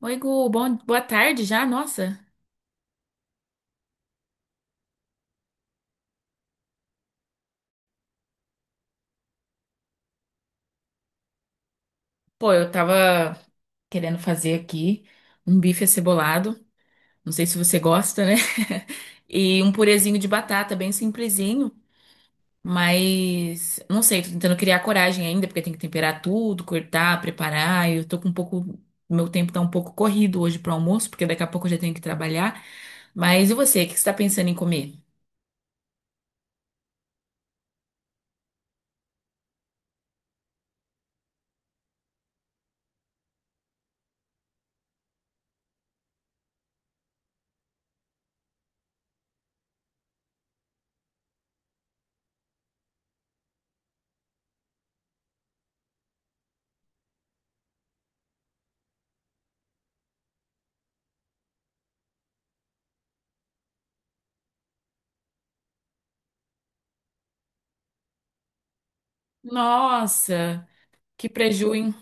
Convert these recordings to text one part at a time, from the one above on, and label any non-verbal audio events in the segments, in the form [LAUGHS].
Oi, Gu, bom, boa tarde já, nossa. Pô, eu tava querendo fazer aqui um bife acebolado, não sei se você gosta, né? [LAUGHS] E um purezinho de batata, bem simplesinho, mas não sei, tô tentando criar coragem ainda, porque tem que temperar tudo, cortar, preparar. Eu tô com um pouco, meu tempo tá um pouco corrido hoje pro almoço, porque daqui a pouco eu já tenho que trabalhar. Mas e você, o que você tá pensando em comer? Nossa, que preju, hein?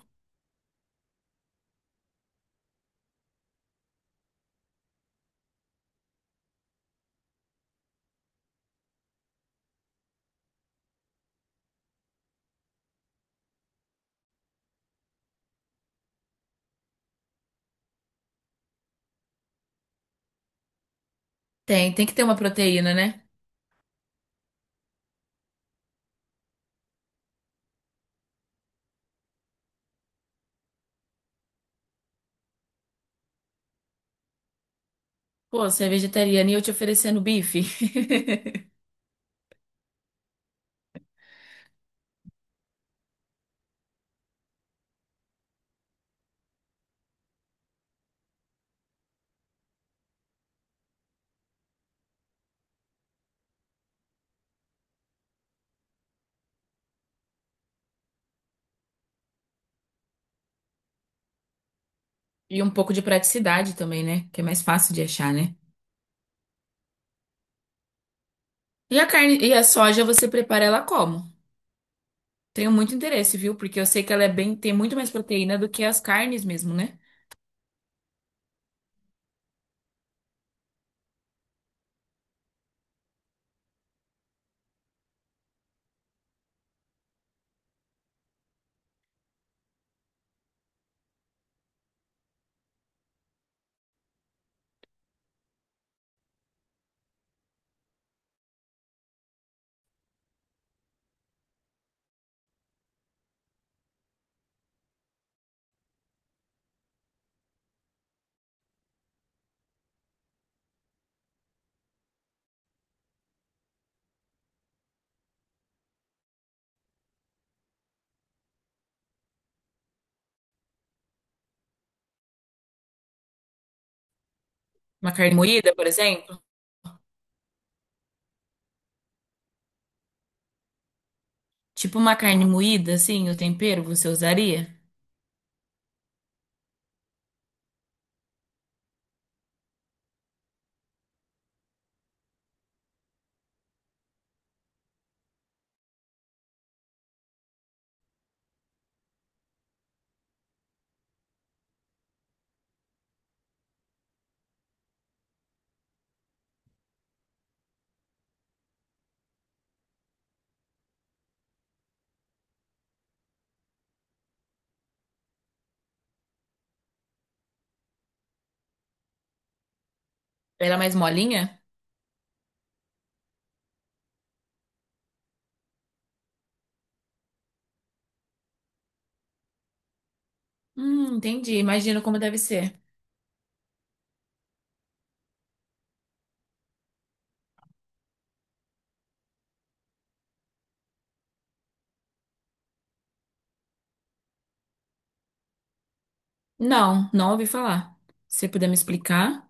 Tem que ter uma proteína, né? Pô, você é vegetariana e eu te oferecendo bife. [LAUGHS] E um pouco de praticidade também, né? Que é mais fácil de achar, né? E a carne e a soja você prepara ela como? Tenho muito interesse, viu? Porque eu sei que ela é bem, tem muito mais proteína do que as carnes mesmo, né? Uma carne moída, por exemplo. Tipo uma carne moída, assim, o tempero você usaria? Pra ela é mais molinha? Entendi. Imagino como deve ser. Não, não ouvi falar. Se você puder me explicar.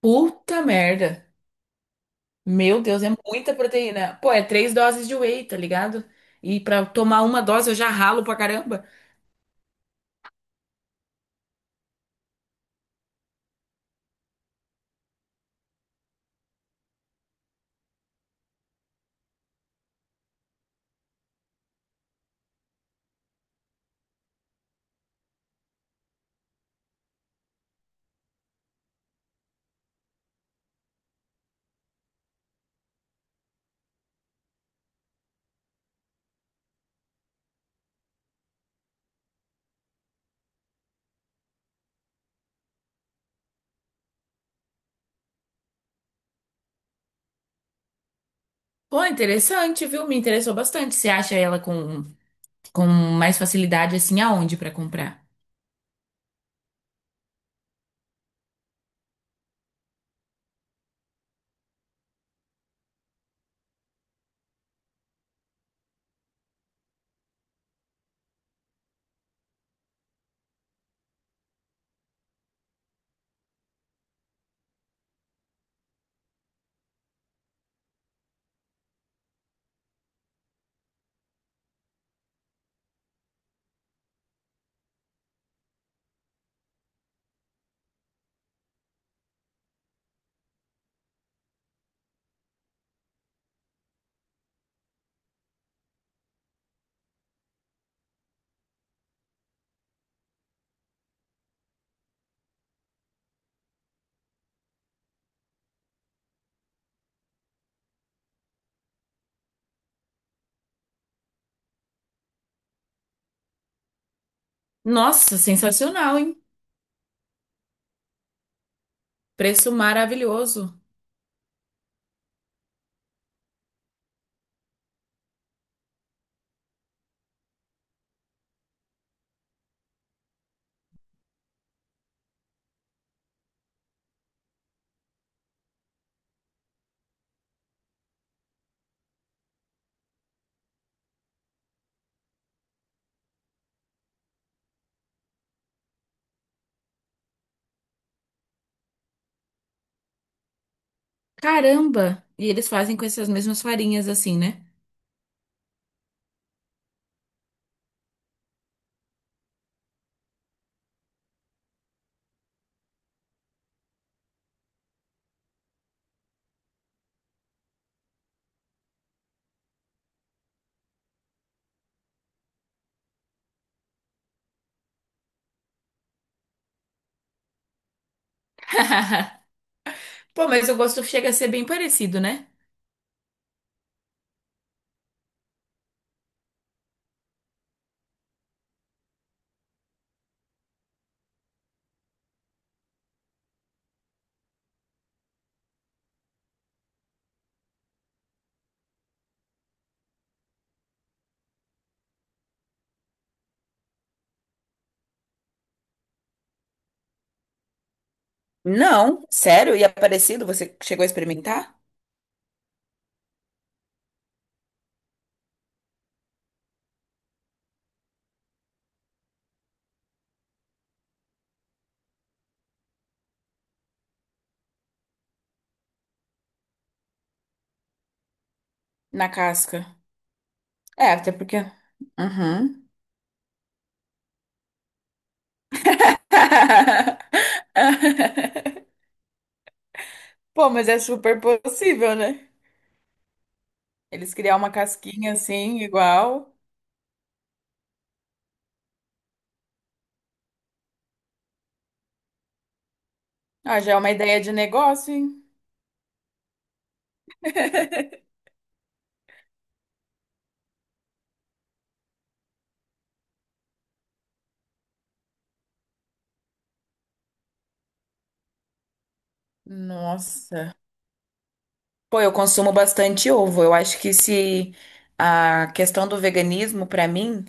Puta merda. Meu Deus, é muita proteína. Pô, é 3 doses de whey, tá ligado? E pra tomar uma dose eu já ralo pra caramba. Pô, interessante, viu? Me interessou bastante. Você acha ela com mais facilidade assim aonde pra comprar? Nossa, sensacional, hein? Preço maravilhoso. Caramba! E eles fazem com essas mesmas farinhas assim, né? [LAUGHS] Pô, mas o gosto chega a ser bem parecido, né? Não, sério? E é parecido? Você chegou a experimentar? Na casca. É, até porque. Uhum. [LAUGHS] Pô, mas é super possível, né? Eles criar uma casquinha assim, igual. Ah, já é uma ideia de negócio, hein? Nossa. Pô, eu consumo bastante ovo. Eu acho que se a questão do veganismo, pra mim,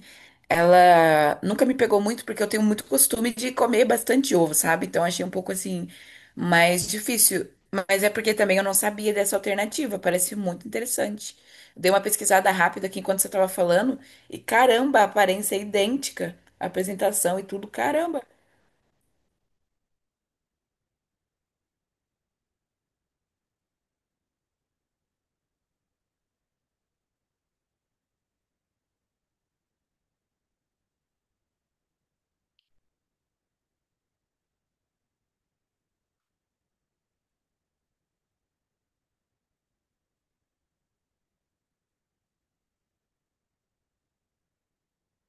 ela nunca me pegou muito porque eu tenho muito costume de comer bastante ovo, sabe? Então achei um pouco assim mais difícil. Mas é porque também eu não sabia dessa alternativa, parece muito interessante. Dei uma pesquisada rápida aqui enquanto você estava falando e caramba, a aparência é idêntica, a apresentação e tudo, caramba.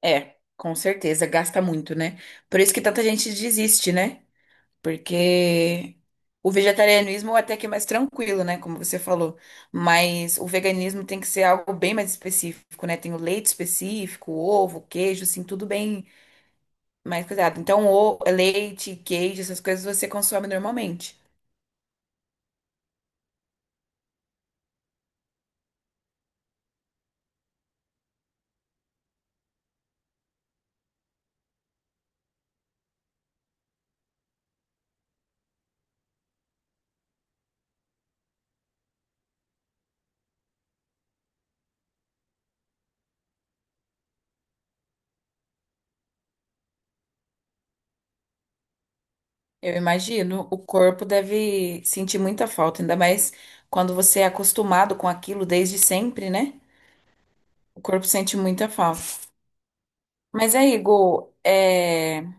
É, com certeza, gasta muito, né? Por isso que tanta gente desiste, né? Porque o vegetarianismo é até que é mais tranquilo, né? Como você falou. Mas o veganismo tem que ser algo bem mais específico, né? Tem o leite específico, ovo, queijo, assim, tudo bem mais cuidado. Então, o leite, queijo, essas coisas você consome normalmente. Eu imagino, o corpo deve sentir muita falta, ainda mais quando você é acostumado com aquilo desde sempre, né? O corpo sente muita falta. Mas aí, Gu, é.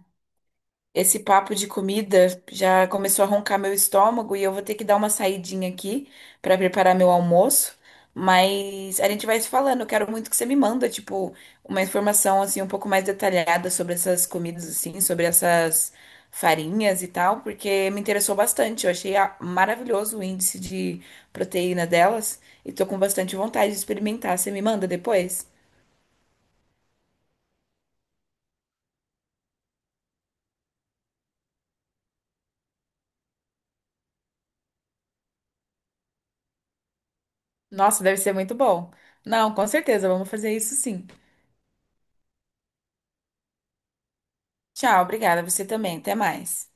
Esse papo de comida já começou a roncar meu estômago e eu vou ter que dar uma saidinha aqui para preparar meu almoço. Mas a gente vai se falando. Eu quero muito que você me manda, tipo, uma informação assim um pouco mais detalhada sobre essas comidas assim, sobre essas farinhas e tal, porque me interessou bastante. Eu achei a- maravilhoso o índice de proteína delas e tô com bastante vontade de experimentar. Você me manda depois? Nossa, deve ser muito bom. Não, com certeza, vamos fazer isso sim. Tchau, obrigada. Você também. Até mais.